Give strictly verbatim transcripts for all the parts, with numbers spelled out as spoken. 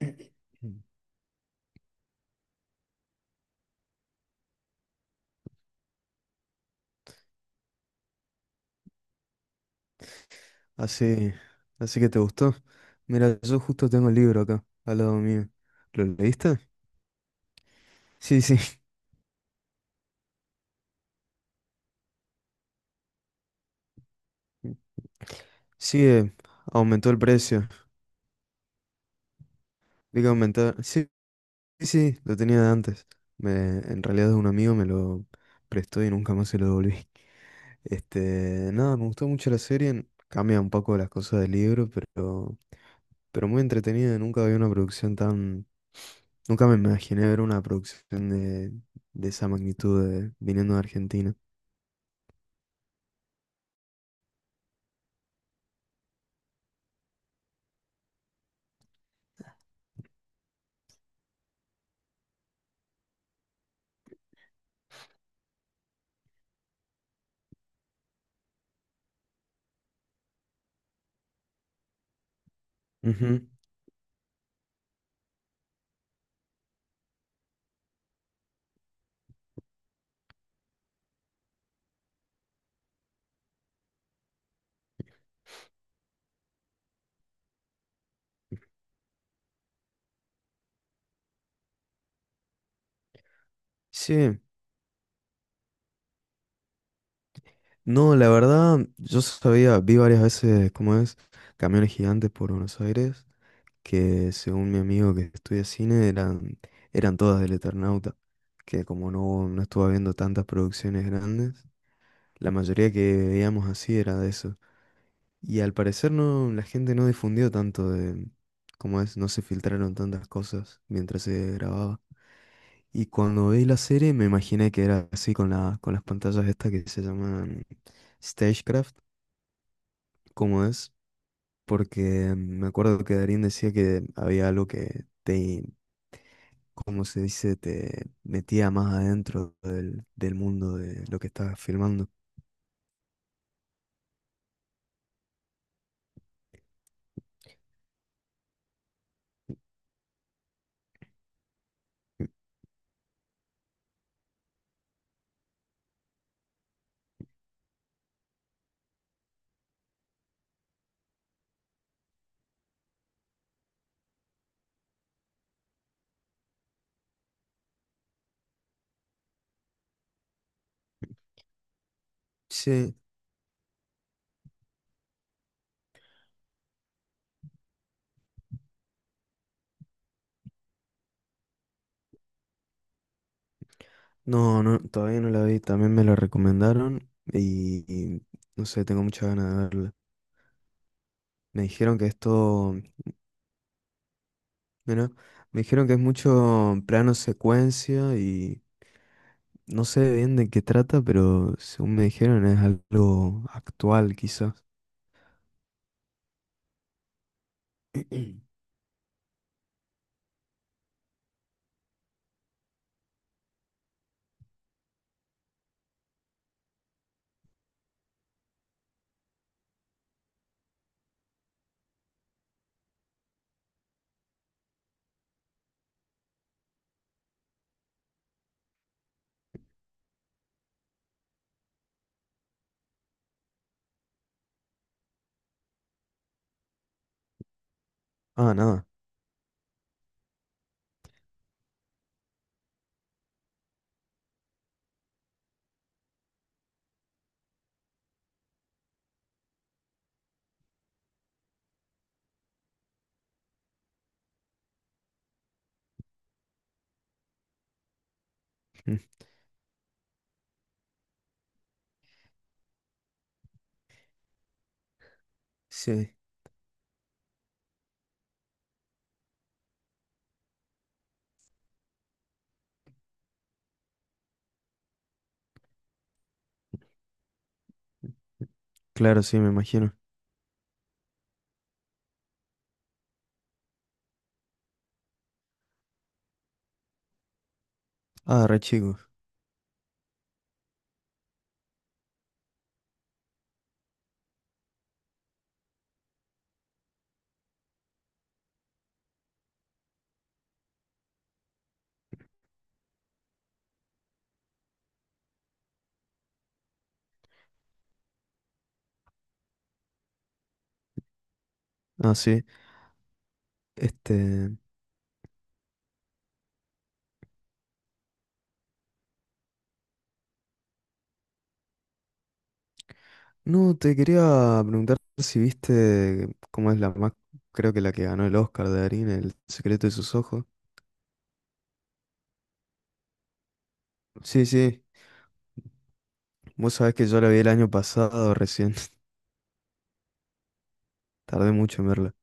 Así, así que te gustó. Mira, yo justo tengo el libro acá, al lado mío. ¿Lo leíste? Sí, sí, sí, eh, aumentó el precio. Vi que aumentar. Sí, sí, sí, lo tenía de antes. Me, en realidad es un amigo, me lo prestó y nunca más se lo devolví. Este, nada, me gustó mucho la serie. Cambia un poco las cosas del libro, pero pero muy entretenida. Nunca vi una producción tan Nunca me imaginé ver una producción de, de esa magnitud de- viniendo de Argentina. Ujú. Sí, no, la verdad, yo sabía, vi varias veces cómo es camiones gigantes por Buenos Aires, que según mi amigo que estudia cine eran, eran todas del Eternauta, que como no, no estuve viendo tantas producciones grandes, la mayoría que veíamos así era de eso. Y al parecer no, la gente no difundió tanto de cómo es, no se filtraron tantas cosas mientras se grababa. Y cuando vi la serie me imaginé que era así con la, con las pantallas estas que se llaman Stagecraft, como es, porque me acuerdo que Darín decía que había algo que te, como se dice, te metía más adentro del, del mundo de lo que estabas filmando. Sí. No, no, todavía no la vi, también me la recomendaron y, y no sé, tengo muchas ganas de verla. Me dijeron que esto, bueno, me dijeron que es mucho plano secuencia y no sé bien de qué trata, pero según me dijeron es algo actual quizás. Ah, nada. Mm, sí, claro, sí, me imagino. Ah, re chico. Ah, sí. Este, no, te quería preguntar si viste cómo es la más, creo que la que ganó el Oscar de Darín, El secreto de sus ojos. Sí, sí. Vos sabés que yo la vi el año pasado recién. Tardé mucho en verla.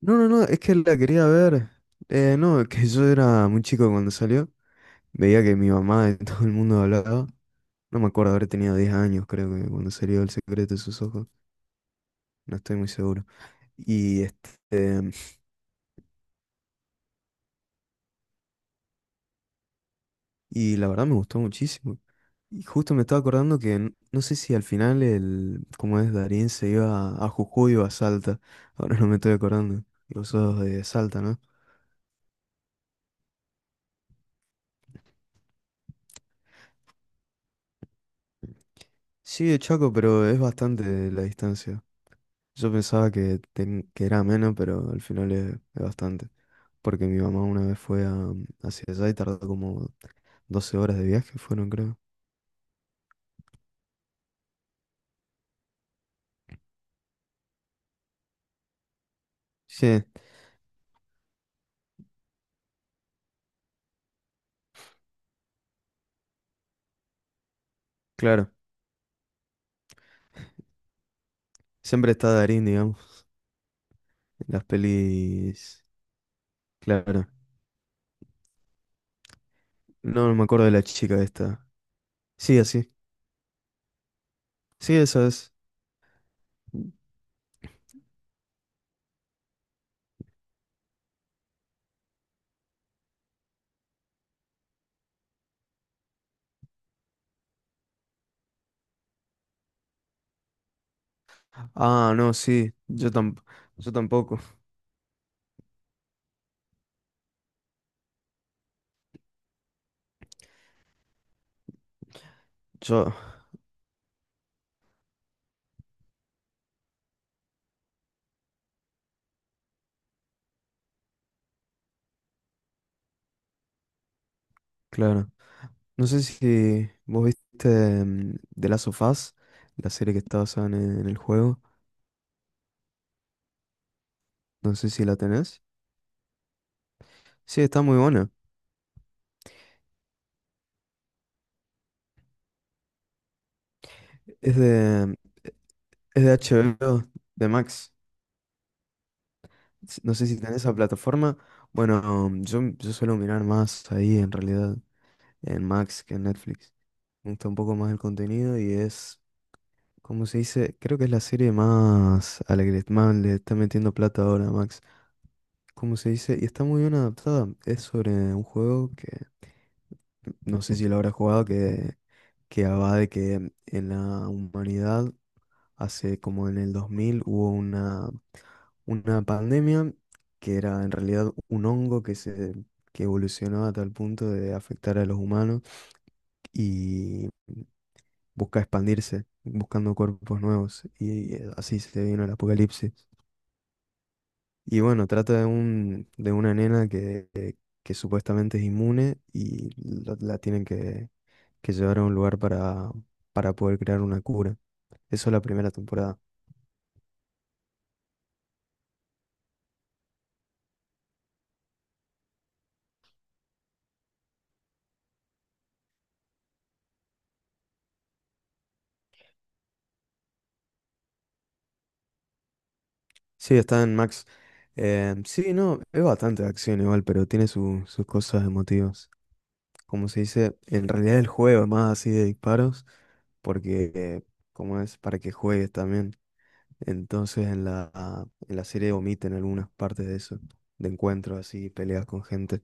No, no, no, es que la quería ver. Eh, no, es que yo era muy chico cuando salió. Veía que mi mamá y todo el mundo hablaba. No me acuerdo haber tenido diez años, creo que cuando salió El secreto de sus ojos. No estoy muy seguro. Y este, y la verdad me gustó muchísimo. Y justo me estaba acordando que n- no sé si al final el, cómo es, Darín se iba a, a Jujuy o a Salta. Ahora no me estoy acordando. Y vos sos de Salta, ¿no? Sí, de Chaco, pero es bastante la distancia. Yo pensaba que, ten- que era menos, pero al final es, es bastante. Porque mi mamá una vez fue a, hacia allá y tardó como doce horas de viaje, fueron, creo. Sí, claro. Siempre está Darín, digamos, en las pelis. Claro. No, no me acuerdo de la chica esta. Sí, así. Sí, esa es. Ah, no, sí. Yo, tam- yo tampoco. Yo, claro. No sé si vos viste mm, The Last of Us, la serie que está basada en, en el juego. No sé si la tenés. Sí, está muy buena. Es de, es de H B O, de Max. S- No sé si tenés esa plataforma. Bueno, mm, yo, yo suelo mirar más ahí en realidad, en Max que en Netflix. Me gusta un poco más el contenido y es, ¿cómo se dice? Creo que es la serie más a la que le, más le está metiendo plata ahora a Max. ¿Cómo se dice? Y está muy bien adaptada. Es sobre un juego que no sé si lo habrá jugado, que, que va de que en la humanidad, hace como en el dos mil, hubo una, una pandemia que era en realidad un hongo que se, que evolucionó a tal punto de afectar a los humanos y busca expandirse, buscando cuerpos nuevos. Y eh, así se vino el apocalipsis. Y bueno, trata de un, de una nena que, que, que supuestamente es inmune y la, la tienen que, que llevar a un lugar para, para poder crear una cura. Eso es la primera temporada. Sí, está en Max. Eh, sí, no, es bastante de acción igual, pero tiene su- sus cosas emotivas. Como se dice, en realidad el juego es más así de disparos, porque eh, como es para que juegues también. Entonces en la, en la serie omiten algunas partes de eso, de encuentros así, peleas con gente.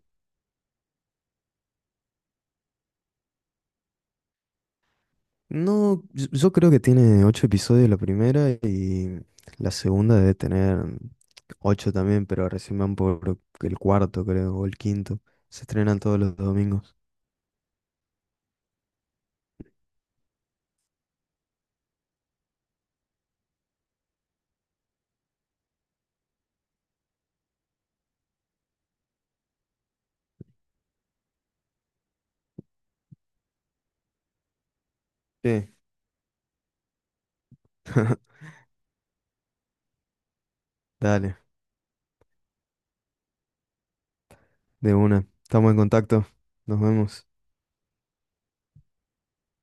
No, yo yo creo que tiene ocho episodios la primera y la segunda debe tener ocho también, pero recién van por el cuarto, creo, o el quinto. Se estrenan todos los domingos. Sí. Dale, de una. Estamos en contacto. Nos vemos.